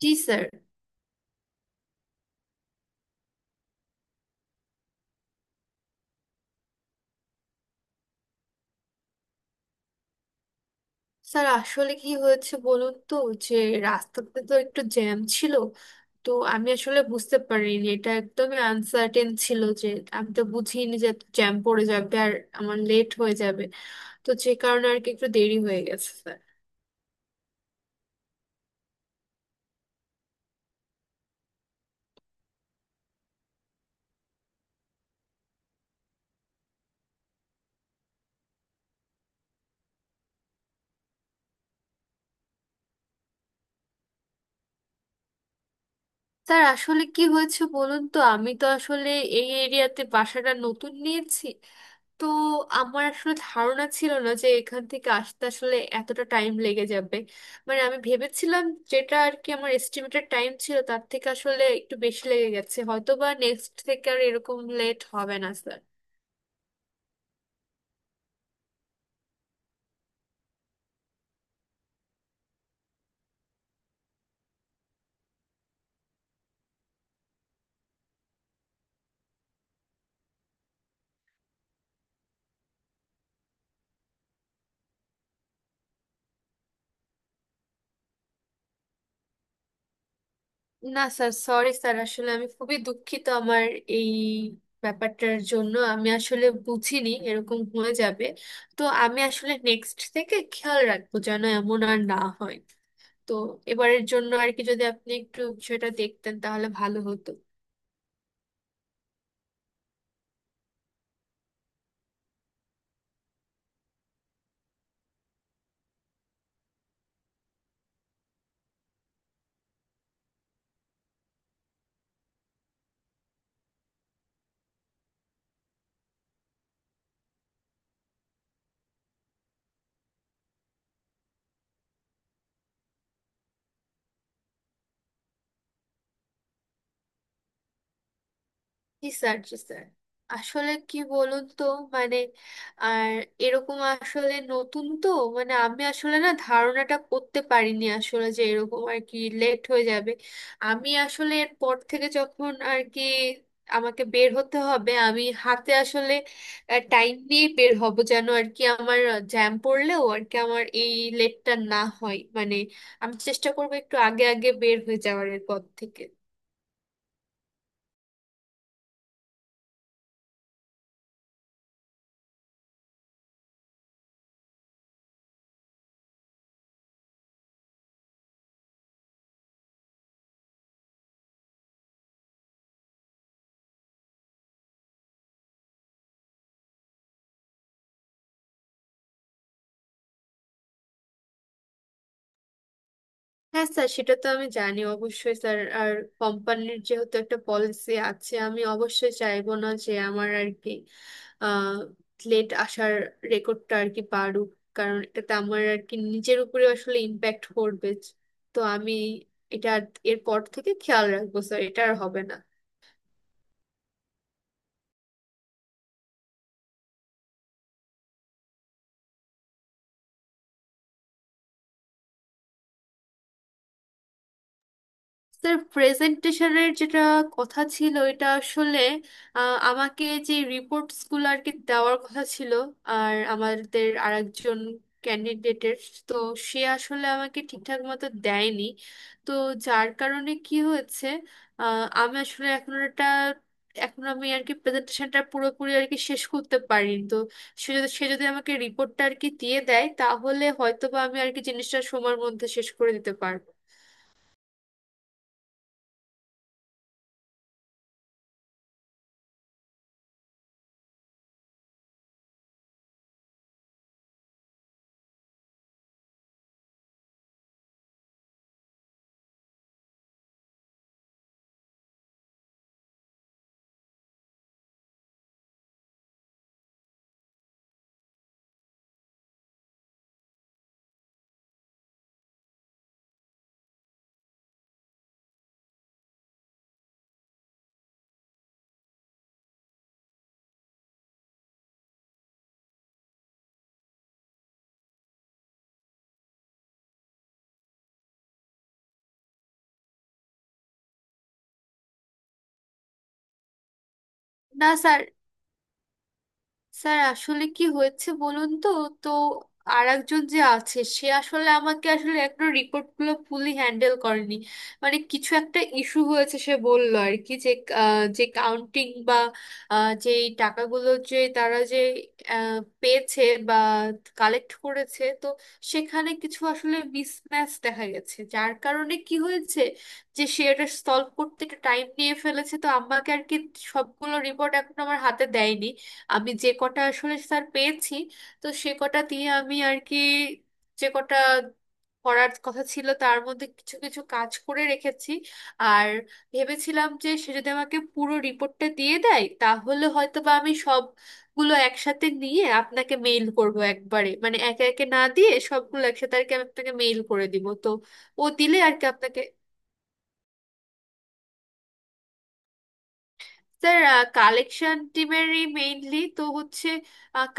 জি sir. Sir আসলে কি হয়েছে বলুন তো, যে রাস্তাতে তো একটু জ্যাম ছিল। তো আমি আসলে বুঝতে পারিনি, এটা একদমই আনসার্টেন ছিল, যে আমি তো বুঝিনি যে জ্যাম পড়ে যাবে আর আমার লেট হয়ে যাবে। তো যে কারণে আর কি একটু দেরি হয়ে গেছে স্যার। স্যার আসলে কি হয়েছে বলুন তো, আমি তো আসলে এই এরিয়াতে বাসাটা নতুন নিয়েছি। তো আমার আসলে ধারণা ছিল না যে এখান থেকে আসতে আসলে এতটা টাইম লেগে যাবে। মানে আমি ভেবেছিলাম যেটা আর কি আমার এস্টিমেটেড টাইম ছিল তার থেকে আসলে একটু বেশি লেগে গেছে, হয়তো বা নেক্সট থেকে আর এরকম লেট হবে না স্যার। না স্যার, সরি স্যার, আসলে আমি খুবই দুঃখিত আমার এই ব্যাপারটার জন্য। আমি আসলে বুঝিনি এরকম হয়ে যাবে। তো আমি আসলে নেক্সট থেকে খেয়াল রাখবো যেন এমন আর না হয়। তো এবারের জন্য আর কি যদি আপনি একটু বিষয়টা দেখতেন তাহলে ভালো হতো। জি স্যার, জি স্যার, আসলে কি বলুন তো, মানে আর এরকম আসলে নতুন তো, মানে আমি আসলে না ধারণাটা করতে পারিনি আসলে যে এরকম আর কি লেট হয়ে যাবে। আমি আসলে এরপর থেকে যখন আর কি আমাকে বের হতে হবে, আমি হাতে আসলে টাইম নিয়ে বের হব যেন আর কি আমার জ্যাম পড়লেও আর কি আমার এই লেটটা না হয়, মানে আমি চেষ্টা করবো একটু আগে আগে বের হয়ে যাওয়ার এরপর থেকে। হ্যাঁ স্যার, সেটা তো আমি জানি অবশ্যই স্যার। আর কোম্পানির যেহেতু একটা পলিসি আছে, আমি অবশ্যই চাইবো না যে আমার আর কি আহ লেট আসার রেকর্ডটা আর কি বাড়ুক, কারণ এটাতে আমার আর কি নিজের উপরে আসলে ইম্প্যাক্ট পড়বে। তো আমি এটা এরপর থেকে খেয়াল রাখবো স্যার, এটা আর হবে না। স্যার প্রেজেন্টেশনের যেটা কথা ছিল এটা আসলে আমাকে যে রিপোর্টস গুলো আর কি দেওয়ার কথা ছিল আর আমাদের আরেকজন ক্যান্ডিডেটের, তো সে আসলে আমাকে ঠিকঠাক মতো দেয়নি। তো যার কারণে কি হয়েছে, আমি আসলে এখন এটা, এখন আমি আর কি প্রেজেন্টেশনটা পুরোপুরি আর কি শেষ করতে পারিনি। তো সে যদি আমাকে রিপোর্টটা আর কি দিয়ে দেয় তাহলে হয়তোবা আমি আর কি জিনিসটা সময়ের মধ্যে শেষ করে দিতে পারবো। না স্যার, স্যার আসলে কি হয়েছে বলুন তো, তো আর একজন যে আছে সে আসলে আমাকে আসলে একটা রিপোর্টগুলো ফুলি হ্যান্ডেল করেনি। মানে কিছু একটা ইস্যু হয়েছে, সে বলল আর কি যে যে কাউন্টিং বা যে এই টাকাগুলো যে তারা যে পেয়েছে বা কালেক্ট করেছে, তো সেখানে কিছু আসলে মিসম্যাচ দেখা গেছে। যার কারণে কি হয়েছে যে সে এটা সলভ করতে একটা টাইম নিয়ে ফেলেছে, তো আমাকে আর কি সবগুলো রিপোর্ট এখন আমার হাতে দেয়নি। আমি যে কটা আসলে স্যার পেয়েছি তো সে কটা দিয়ে আমি আর কি যে কটা করার কথা ছিল তার মধ্যে কিছু কিছু কাজ করে রেখেছি। আর ভেবেছিলাম যে সে যদি আমাকে পুরো রিপোর্টটা দিয়ে দেয় তাহলে হয়তো বা আমি সবগুলো একসাথে নিয়ে আপনাকে মেইল করব একবারে, মানে একে একে না দিয়ে সবগুলো একসাথে আর কি আমি আপনাকে মেইল করে দিব। তো ও দিলে আর কি আপনাকে। স্যার কালেকশন টিমেরই মেইনলি তো হচ্ছে,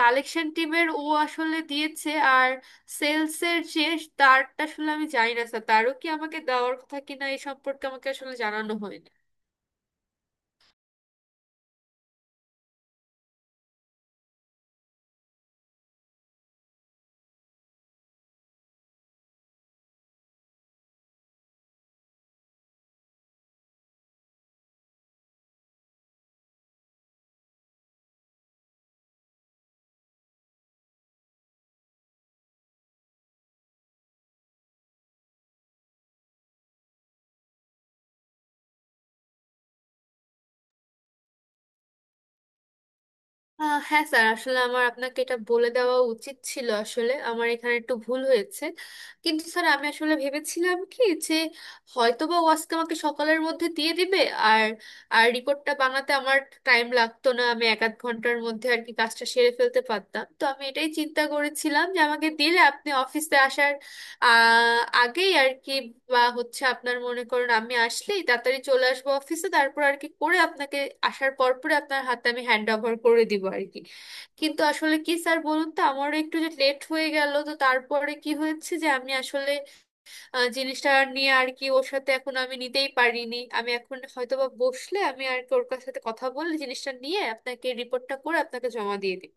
কালেকশন টিমের ও আসলে দিয়েছে। আর সেলসের যে তারটা আসলে আমি জানি না স্যার, তারও কি আমাকে দেওয়ার কথা কিনা এই সম্পর্কে আমাকে আসলে জানানো হয়নি। হ্যাঁ স্যার, আসলে আমার আপনাকে এটা বলে দেওয়া উচিত ছিল, আসলে আমার এখানে একটু ভুল হয়েছে। কিন্তু স্যার আমি আসলে ভেবেছিলাম কি যে হয়তোবা ও আজকে আমাকে সকালের মধ্যে দিয়ে দিবে। আর আর রিপোর্টটা বানাতে আমার টাইম লাগতো না, আমি এক আধ ঘন্টার মধ্যে আর কি কাজটা সেরে ফেলতে পারতাম। তো আমি এটাই চিন্তা করেছিলাম যে আমাকে দিলে আপনি অফিসে আসার আগেই আর কি বা হচ্ছে আপনার মনে করুন আমি আসলেই তাড়াতাড়ি চলে আসবো অফিসে, তারপর আর কি করে আপনাকে আসার পর পরে আপনার হাতে আমি হ্যান্ড ওভার করে দিব আর কি। কিন্তু আসলে কি স্যার বলুন তো, আমারও একটু যে লেট হয়ে গেল তো তারপরে কি হয়েছে যে আমি আসলে জিনিসটা নিয়ে আর কি ওর সাথে এখন আমি নিতেই পারিনি। আমি এখন হয়তো বা বসলে আমি আর কি ওর সাথে কথা বলে জিনিসটা নিয়ে আপনাকে রিপোর্টটা করে আপনাকে জমা দিয়ে দিব।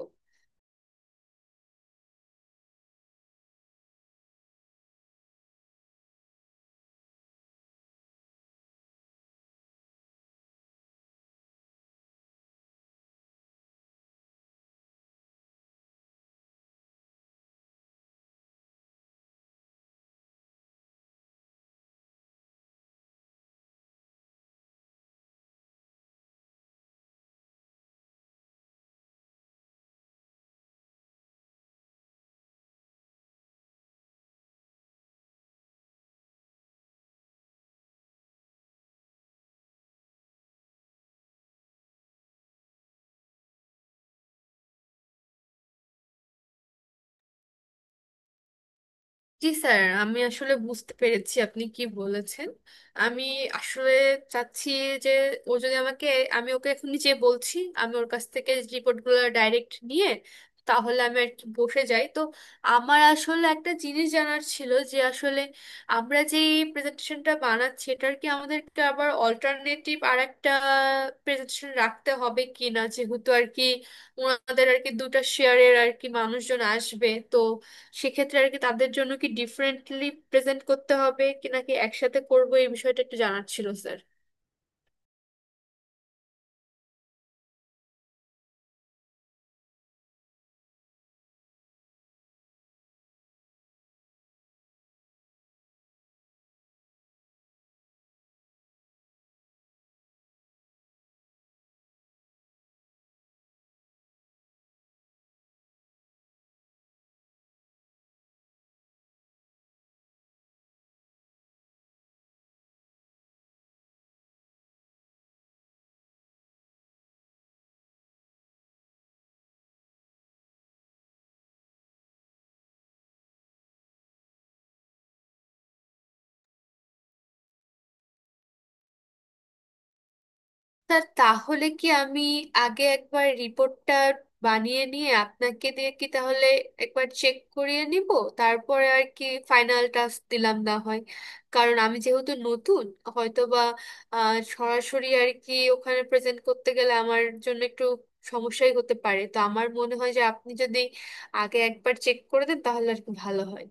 জি স্যার, আমি আসলে বুঝতে পেরেছি আপনি কি বলেছেন। আমি আসলে চাচ্ছি যে ও যদি আমাকে, আমি ওকে এখনই যে বলছি, আমি ওর কাছ থেকে রিপোর্টগুলো ডাইরেক্ট নিয়ে তাহলে আমি আর কি বসে যাই। তো আমার আসলে একটা জিনিস জানার ছিল যে আসলে আমরা যে প্রেজেন্টেশনটা বানাচ্ছি এটার কি আমাদেরকে আবার অল্টারনেটিভ আর একটা প্রেজেন্টেশন রাখতে হবে কিনা, যেহেতু আর কি ওনাদের আর কি দুটা শেয়ারের আর কি মানুষজন আসবে, তো সেক্ষেত্রে আর কি তাদের জন্য কি ডিফারেন্টলি প্রেজেন্ট করতে হবে কি নাকি একসাথে করবো, এই বিষয়টা একটু জানার ছিল স্যার। স্যার তাহলে কি আমি আগে একবার রিপোর্টটা বানিয়ে নিয়ে আপনাকে দিয়ে কি তাহলে একবার চেক করিয়ে নিব, তারপরে আর কি ফাইনাল টাস্ক দিলাম না হয়। কারণ আমি যেহেতু নতুন, হয়তো বা সরাসরি আর কি ওখানে প্রেজেন্ট করতে গেলে আমার জন্য একটু সমস্যাই হতে পারে। তো আমার মনে হয় যে আপনি যদি আগে একবার চেক করে দেন তাহলে আর কি ভালো হয়।